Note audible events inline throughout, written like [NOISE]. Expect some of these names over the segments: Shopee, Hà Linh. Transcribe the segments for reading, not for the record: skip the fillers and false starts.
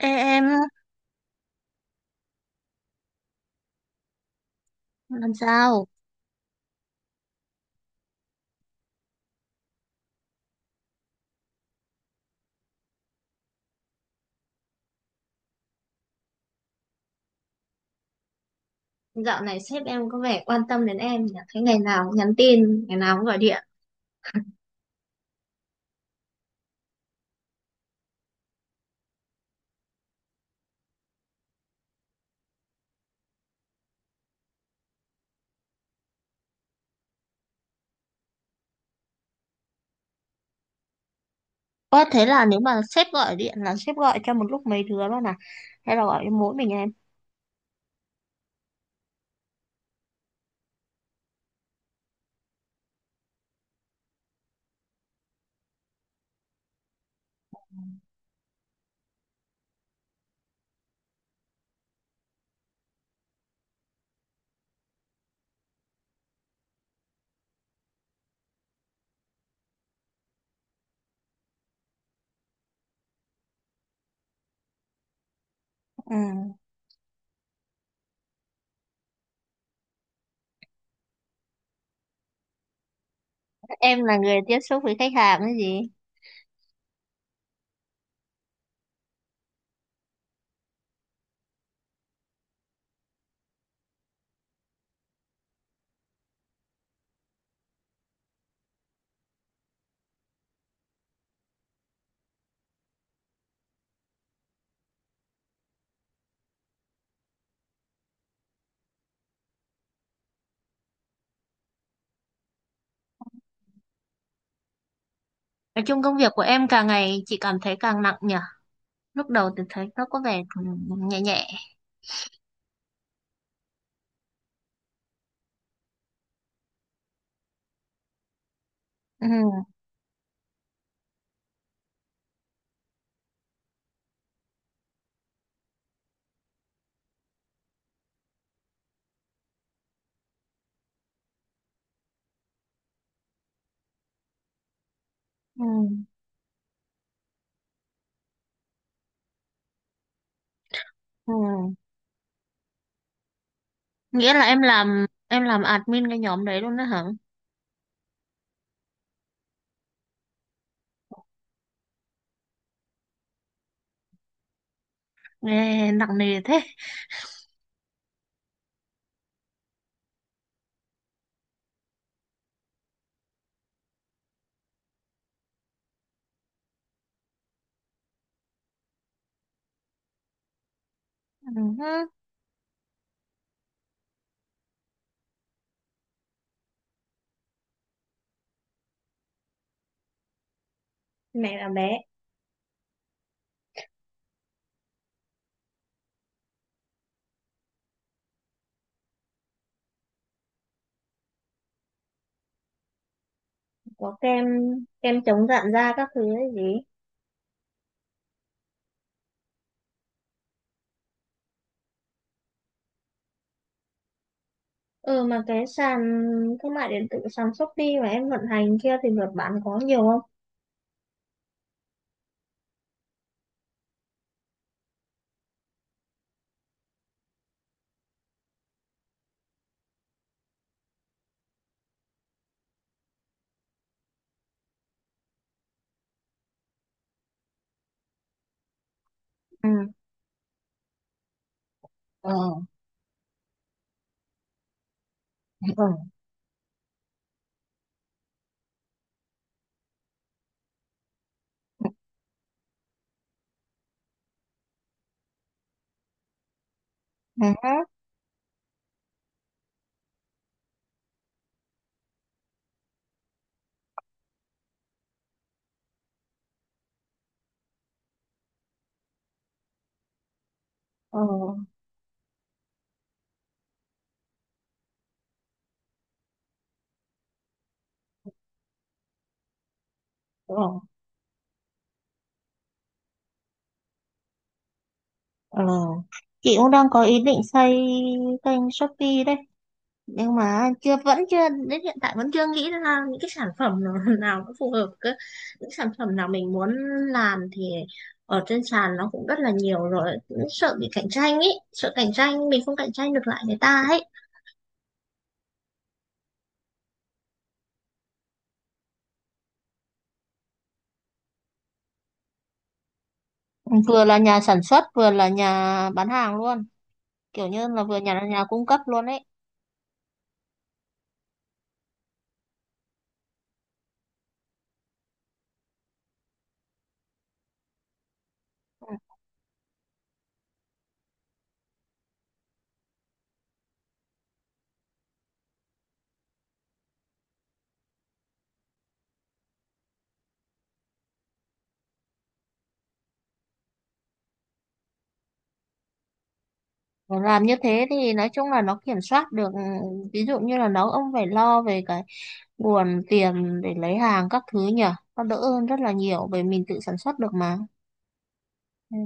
Ê, em làm sao? Dạo này sếp em có vẻ quan tâm đến em nhỉ? Thấy ngày nào cũng nhắn tin, ngày nào cũng gọi điện. Ơ thế là nếu mà sếp gọi điện là sếp gọi cho một lúc mấy đứa luôn à? Hay là gọi cho mỗi mình em? Ừ. Em là người tiếp xúc với khách hàng hay gì? Nói chung công việc của em càng ngày chị cảm thấy càng nặng nhỉ? Lúc đầu thì thấy nó có vẻ nhẹ nhẹ. Ừ. Ừ. Ừ. Nghĩa là em làm admin cái nhóm đấy luôn đó hả? Nghe nặng nề thế. Ừ. Mẹ là bé. Có kem, kem chống rạn da các thứ ấy gì. Ừ, mà cái sàn thương mại điện tử, sàn Shopee mà em vận hành kia thì lượt bán có nhiều không? Ừ. Ờ. Ờ. Hả? Ờ. Ờ. Ờ. Chị cũng đang có ý định xây kênh Shopee đấy, nhưng mà chưa vẫn chưa, đến hiện tại vẫn chưa nghĩ ra những cái sản phẩm nào, [LAUGHS] nào nó phù hợp cơ. Những sản phẩm nào mình muốn làm thì ở trên sàn nó cũng rất là nhiều rồi, cũng sợ bị cạnh tranh ấy, sợ cạnh tranh mình không cạnh tranh được lại người ta ấy. Vừa là nhà sản xuất vừa là nhà bán hàng luôn. Kiểu như là vừa nhà nhà cung cấp luôn ấy. Mà làm như thế thì nói chung là nó kiểm soát được, ví dụ như là nó ông phải lo về cái nguồn tiền để lấy hàng các thứ nhỉ. Nó đỡ hơn rất là nhiều bởi mình tự sản xuất được mà. Ừ.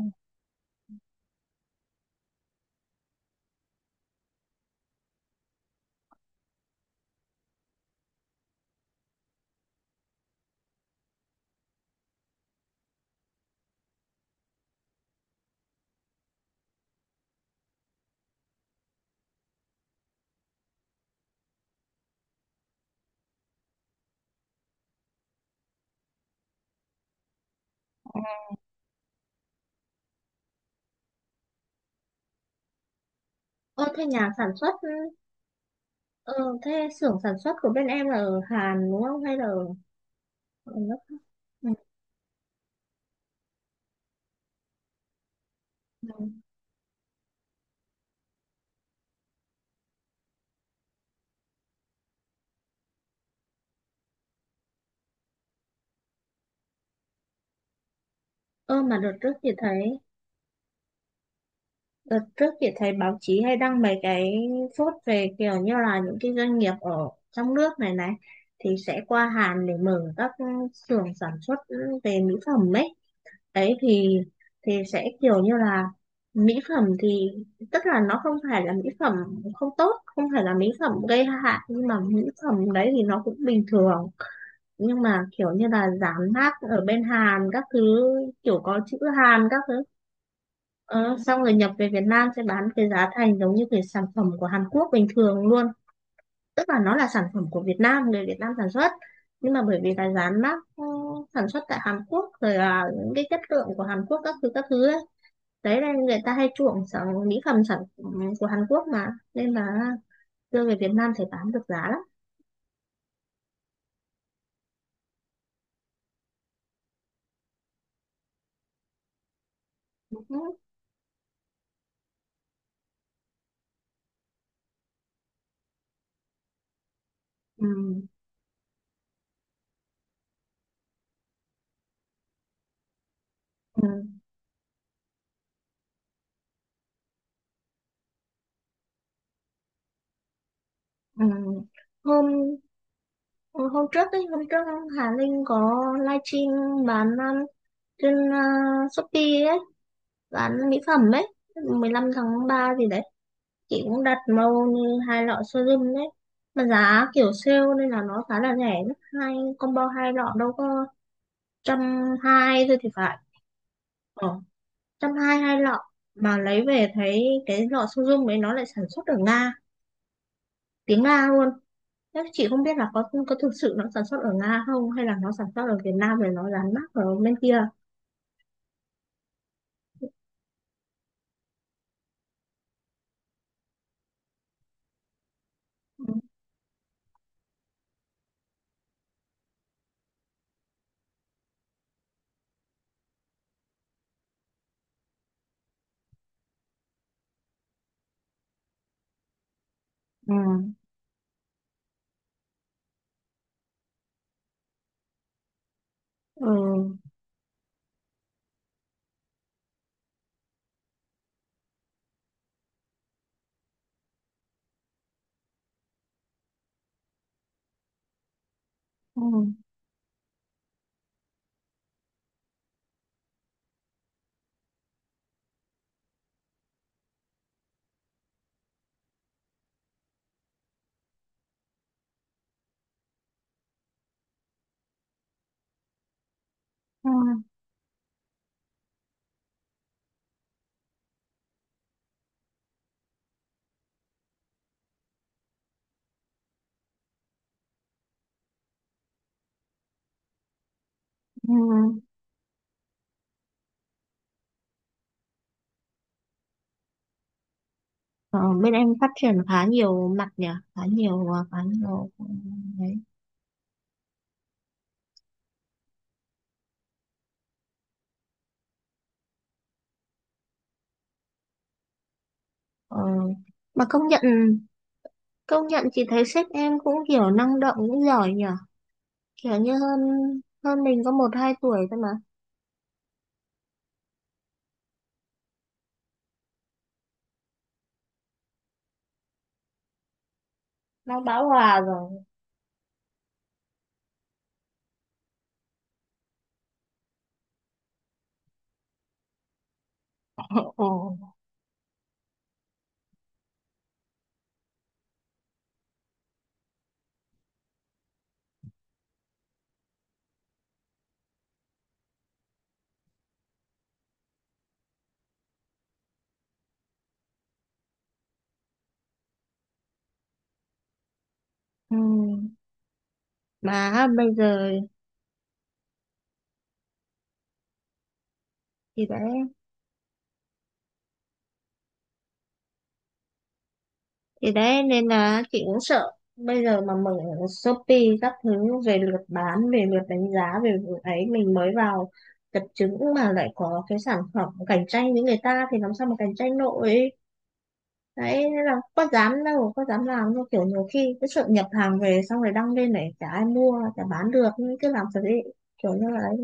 Ơ thế nhà sản xuất, ờ, thế xưởng sản xuất của bên em là ở Hàn đúng không hay là ở ở nước. Ừ. Ơ mà đợt trước chị thấy Đợt trước chị thấy báo chí hay đăng mấy cái phốt về kiểu như là những cái doanh nghiệp ở trong nước này này thì sẽ qua Hàn để mở các xưởng sản xuất về mỹ phẩm ấy. Đấy thì sẽ kiểu như là mỹ phẩm thì, tức là nó không phải là mỹ phẩm không tốt, không phải là mỹ phẩm gây hại, nhưng mà mỹ phẩm đấy thì nó cũng bình thường, nhưng mà kiểu như là dán mác ở bên Hàn các thứ, kiểu có chữ Hàn các thứ. Ờ, xong rồi nhập về Việt Nam sẽ bán cái giá thành giống như cái sản phẩm của Hàn Quốc bình thường luôn. Tức là nó là sản phẩm của Việt Nam, người Việt Nam sản xuất, nhưng mà bởi vì là dán mác, sản xuất tại Hàn Quốc, rồi là những cái chất lượng của Hàn Quốc các thứ ấy. Đấy nên người ta hay chuộng sản mỹ phẩm sản phẩm của Hàn Quốc mà, nên là đưa về Việt Nam thì bán được giá lắm. Ừ. Ừ. Ừ. Ừ. Hôm Ừ, Hôm trước ấy, hôm trước Hà Linh có livestream bán trên Shopee ấy, bán mỹ phẩm ấy, 15 tháng 3 gì đấy. Chị cũng đặt màu như hai lọ serum đấy. Mà giá kiểu sale nên là nó khá là rẻ. Hai combo hai lọ đâu có 120 thôi thì phải. Ờ, 120 hai lọ. Mà lấy về thấy cái lọ serum ấy nó lại sản xuất ở Nga, tiếng Nga luôn. Thế chị không biết là có thực sự nó sản xuất ở Nga không hay là nó sản xuất ở Việt Nam để nó dán mác ở bên kia. Ừ, ừ, ừ, ừ, ừ. Ờ, bên em phát triển khá nhiều mặt nhỉ, khá nhiều, ờ, khá nhiều, ừ, đấy. Ờ, mà công nhận chị thấy sếp em cũng kiểu năng động cũng giỏi nhỉ, kiểu như hơn hơn mình có một hai tuổi thôi mà, nó bão hòa rồi. [LAUGHS] Ồ. Ừ. Mà bây giờ thì đấy thì đấy nên là chị cũng sợ bây giờ mà mở Shopee các thứ, về lượt bán, về lượt đánh giá, về lượt ấy, mình mới vào tập trứng mà lại có cái sản phẩm cạnh tranh với người ta thì làm sao mà cạnh tranh nổi. Đấy nên là có dám đâu, có dám làm đâu, kiểu nhiều khi cứ sợ nhập hàng về xong rồi đăng lên này chả ai mua, chả bán được, nhưng cứ làm thật đấy, kiểu như là ấy.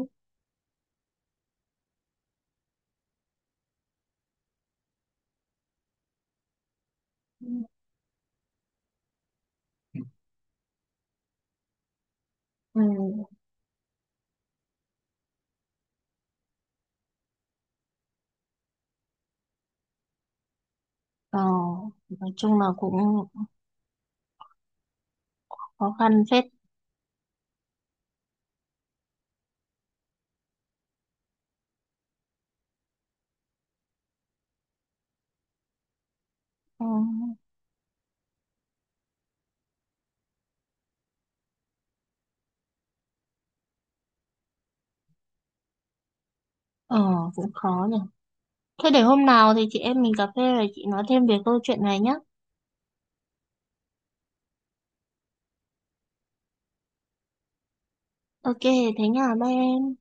Ừ. Ờ, nói chung là cũng khó khăn phết. Ừ. Ờ, cũng khó nhỉ. Thế để hôm nào thì chị em mình cà phê rồi chị nói thêm về câu chuyện này nhé. Ok, thế nha, bye em.